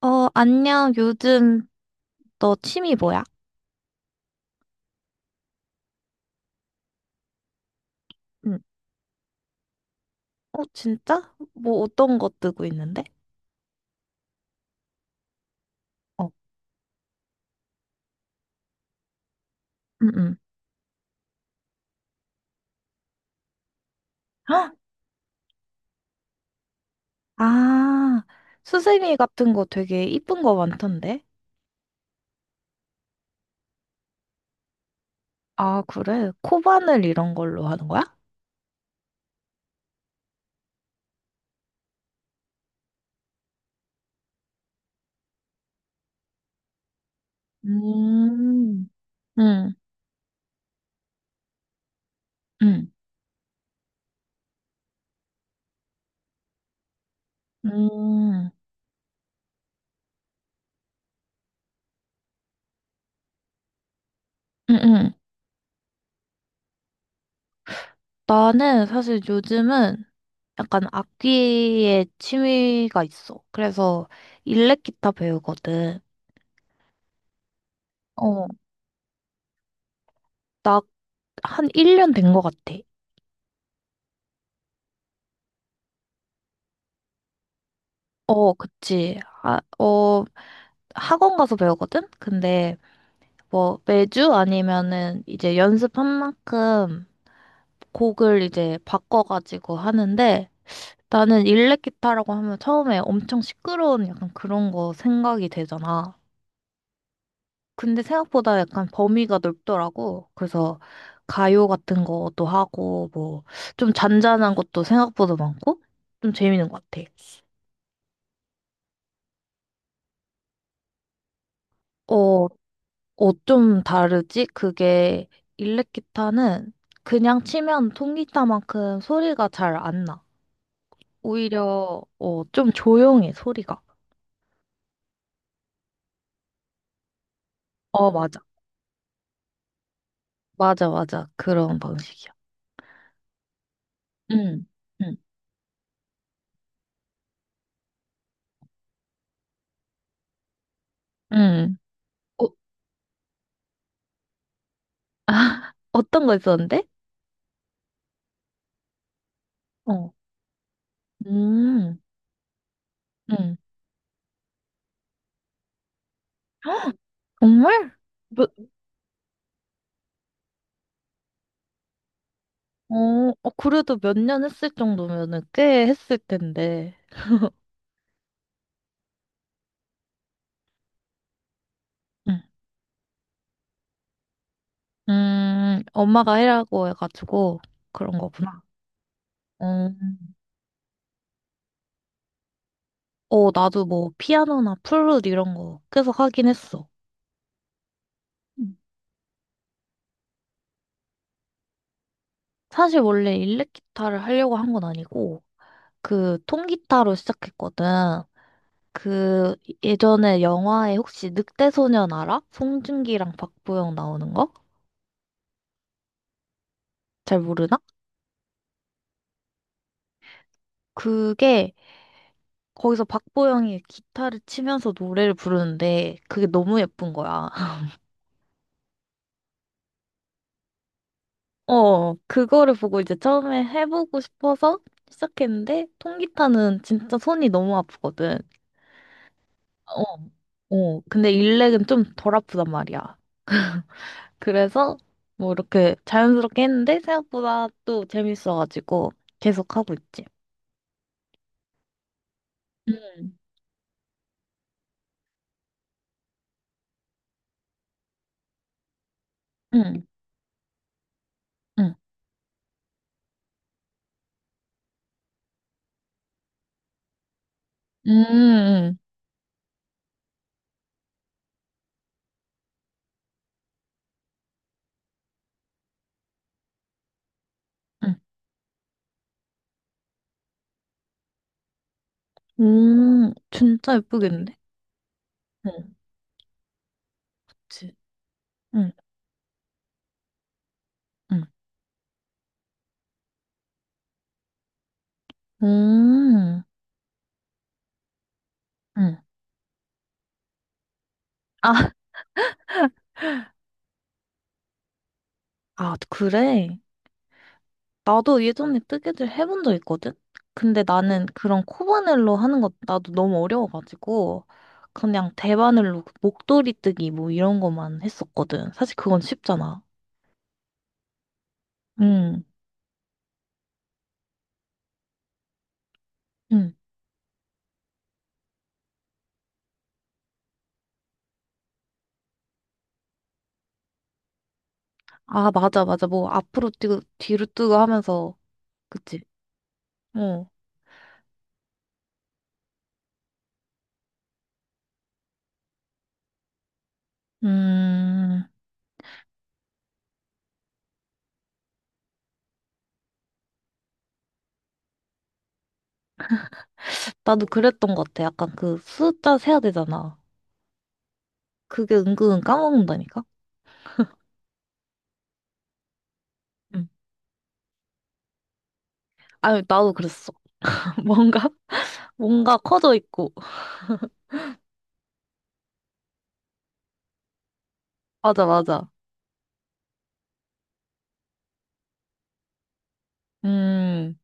어, 안녕. 요즘 너 취미 뭐야? 응. 어, 진짜? 뭐 어떤 거 뜨고 있는데? 어. 응, 응. 헉! 아, 수세미 같은 거 되게 이쁜 거 많던데? 아, 그래? 코바늘 이런 걸로 하는 거야? 음, 응, 응, 음, 응, 응. 나는 사실 요즘은 약간 악기에 취미가 있어. 그래서 일렉 기타 배우거든. 어. 나 한 1년 된 거 같아. 어, 그치. 아, 어, 학원 가서 배우거든? 근데 뭐 매주 아니면은 이제 연습한 만큼 곡을 이제 바꿔가지고 하는데 나는 일렉 기타라고 하면 처음에 엄청 시끄러운 약간 그런 거 생각이 되잖아. 근데 생각보다 약간 범위가 넓더라고. 그래서 가요 같은 것도 하고 뭐 좀 잔잔한 것도 생각보다 많고 좀 재밌는 것 같아. 어, 어, 좀 다르지? 그게 일렉 기타는 그냥 치면 통기타만큼 소리가 잘 안 나. 오히려 어, 좀 조용해, 소리가. 어, 맞아. 맞아, 맞아. 그런 방식이야. 응, 응, 응. 어, 어떤 거 있었는데? 어, 음, 응. 정말? 몇, 어, 어, 그래도 몇 년 했을 정도면은 꽤 했을 텐데. 응. 엄마가 해라고 해가지고 그런 거구나. 어. 어, 나도 뭐 피아노나 플룻 이런 거 계속 하긴 했어. 음. 사실 원래 일렉 기타를 하려고 한 건 아니고 그 통기타로 시작했거든. 그 예전에 영화에 혹시 늑대소년 알아? 송중기랑 박보영 나오는 거? 잘 모르나? 그게 거기서 박보영이 기타를 치면서 노래를 부르는데 그게 너무 예쁜 거야. 어, 그거를 보고 이제 처음에 해보고 싶어서 시작했는데 통기타는 진짜 손이 너무 아프거든. 어, 어. 근데 일렉은 좀 덜 아프단 말이야. 그래서 뭐 이렇게 자연스럽게 했는데 생각보다 또 재밌어가지고 계속 하고 있지. 음, 음, 음, 음, 음, 진짜 예쁘겠네. 응, 그치. 응, 응, 음, 응. 아, 아, 그래. 나도 예전에 뜨개질 해본 적 있거든? 근데 나는 그런 코바늘로 하는 것 나도 너무 어려워가지고 그냥 대바늘로 그 목도리 뜨기 뭐 이런 것만 했었거든. 사실 그건 쉽잖아. 응, 응. 아, 맞아, 맞아. 뭐 앞으로 뛰고 뒤로 뛰고 하면서 그치? 어. 음, 나도 그랬던 것 같아. 약간 그 숫자 세야 되잖아. 그게 은근 까먹는다니까? 응. 아니, 나도 그랬어. 뭔가, 뭔가 커져 있고. 맞아, 맞아. 음.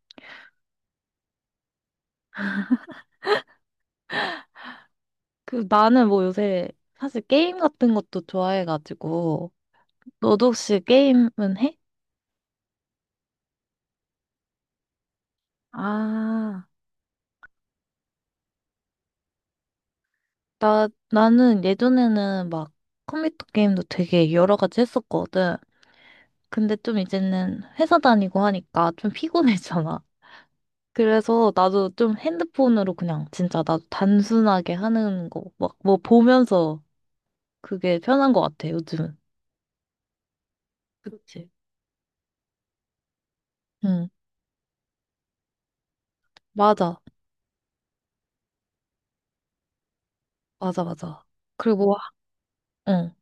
그 나는 뭐 요새 사실 게임 같은 것도 좋아해가지고 너도 혹시 게임은 해? 아, 나 나는 예전에는 막 컴퓨터 게임도 되게 여러 가지 했었거든. 근데 좀 이제는 회사 다니고 하니까 좀 피곤해잖아. 그래서 나도 좀 핸드폰으로 그냥 진짜 나도 단순하게 하는 거 막 뭐 보면서 그게 편한 것 같아 요즘은. 그치. 응 맞아 맞아 맞아. 그리고 와, 응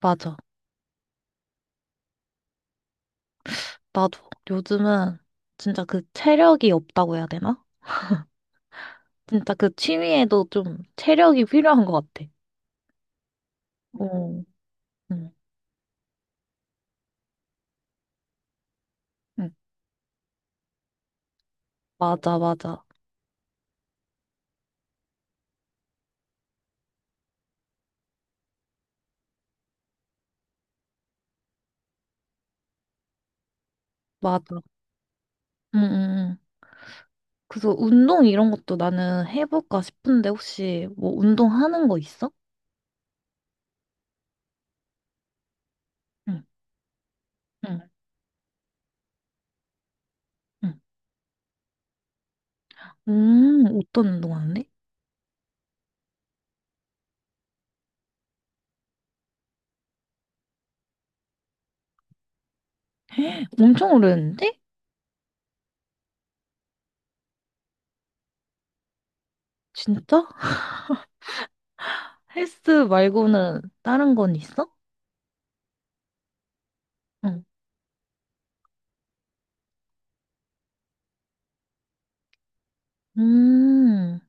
맞아. 나도 요즘은 진짜 그 체력이 없다고 해야 되나? 진짜 그 취미에도 좀 체력이 필요한 것 같아. 어, 응, 응. 맞아, 맞아, 맞아. 응, 응, 응. 그래서 운동 이런 것도 나는 해볼까 싶은데 혹시 뭐 운동하는 거 있어? 응, 응, 응. 어떤 운동 하는데? 엄청 오래됐는데? 진짜? 헬스 말고는 다른 건 있어? 응. 음,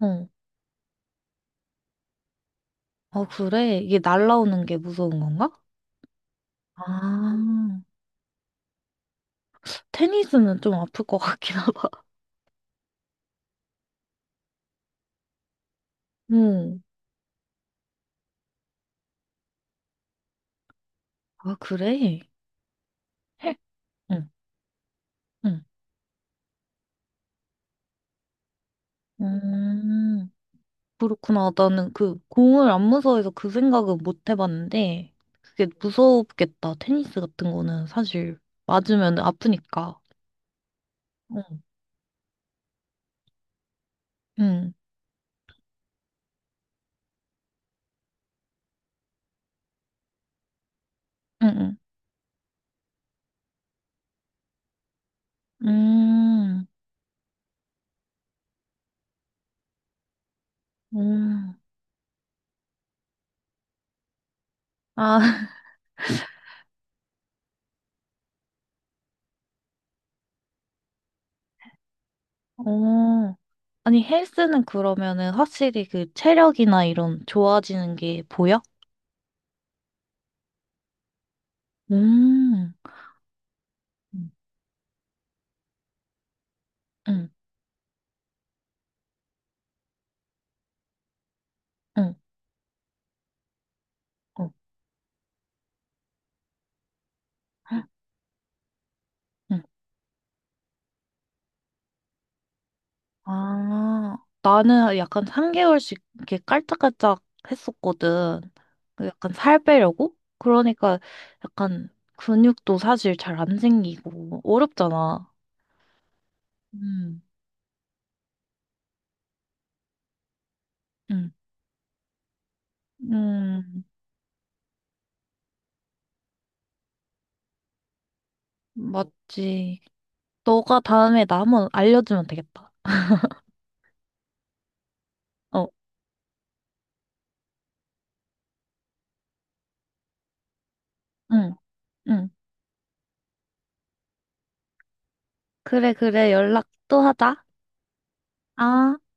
어. 아, 그래? 이게 날라오는 게 무서운 건가? 아, 테니스는 좀 아플 것 같긴 하다. 응. 아, 그래? 응, 응. 음, 그렇구나. 나는 그 공을 안 무서워해서 그 생각은 못 해봤는데, 그게 무섭겠다. 테니스 같은 거는 사실 맞으면 아프니까. 응, 응, 응, 응. 음. 아, 어. 아니, 헬스는 그러면은 확실히 그 체력이나 이런 좋아지는 게 보여? 음. 응, 응. 어, 응. 아, 나는 약간 3개월씩 이렇게 깔짝깔짝 했었거든. 그 약간 살 빼려고? 그러니까 약간 근육도 사실 잘 안 생기고 어렵잖아. 음, 응, 음, 맞지. 너가 다음에 나 한번 알려주면 되겠다. 어, 응, 응. 그래, 그래. 연락 또 하자. 아.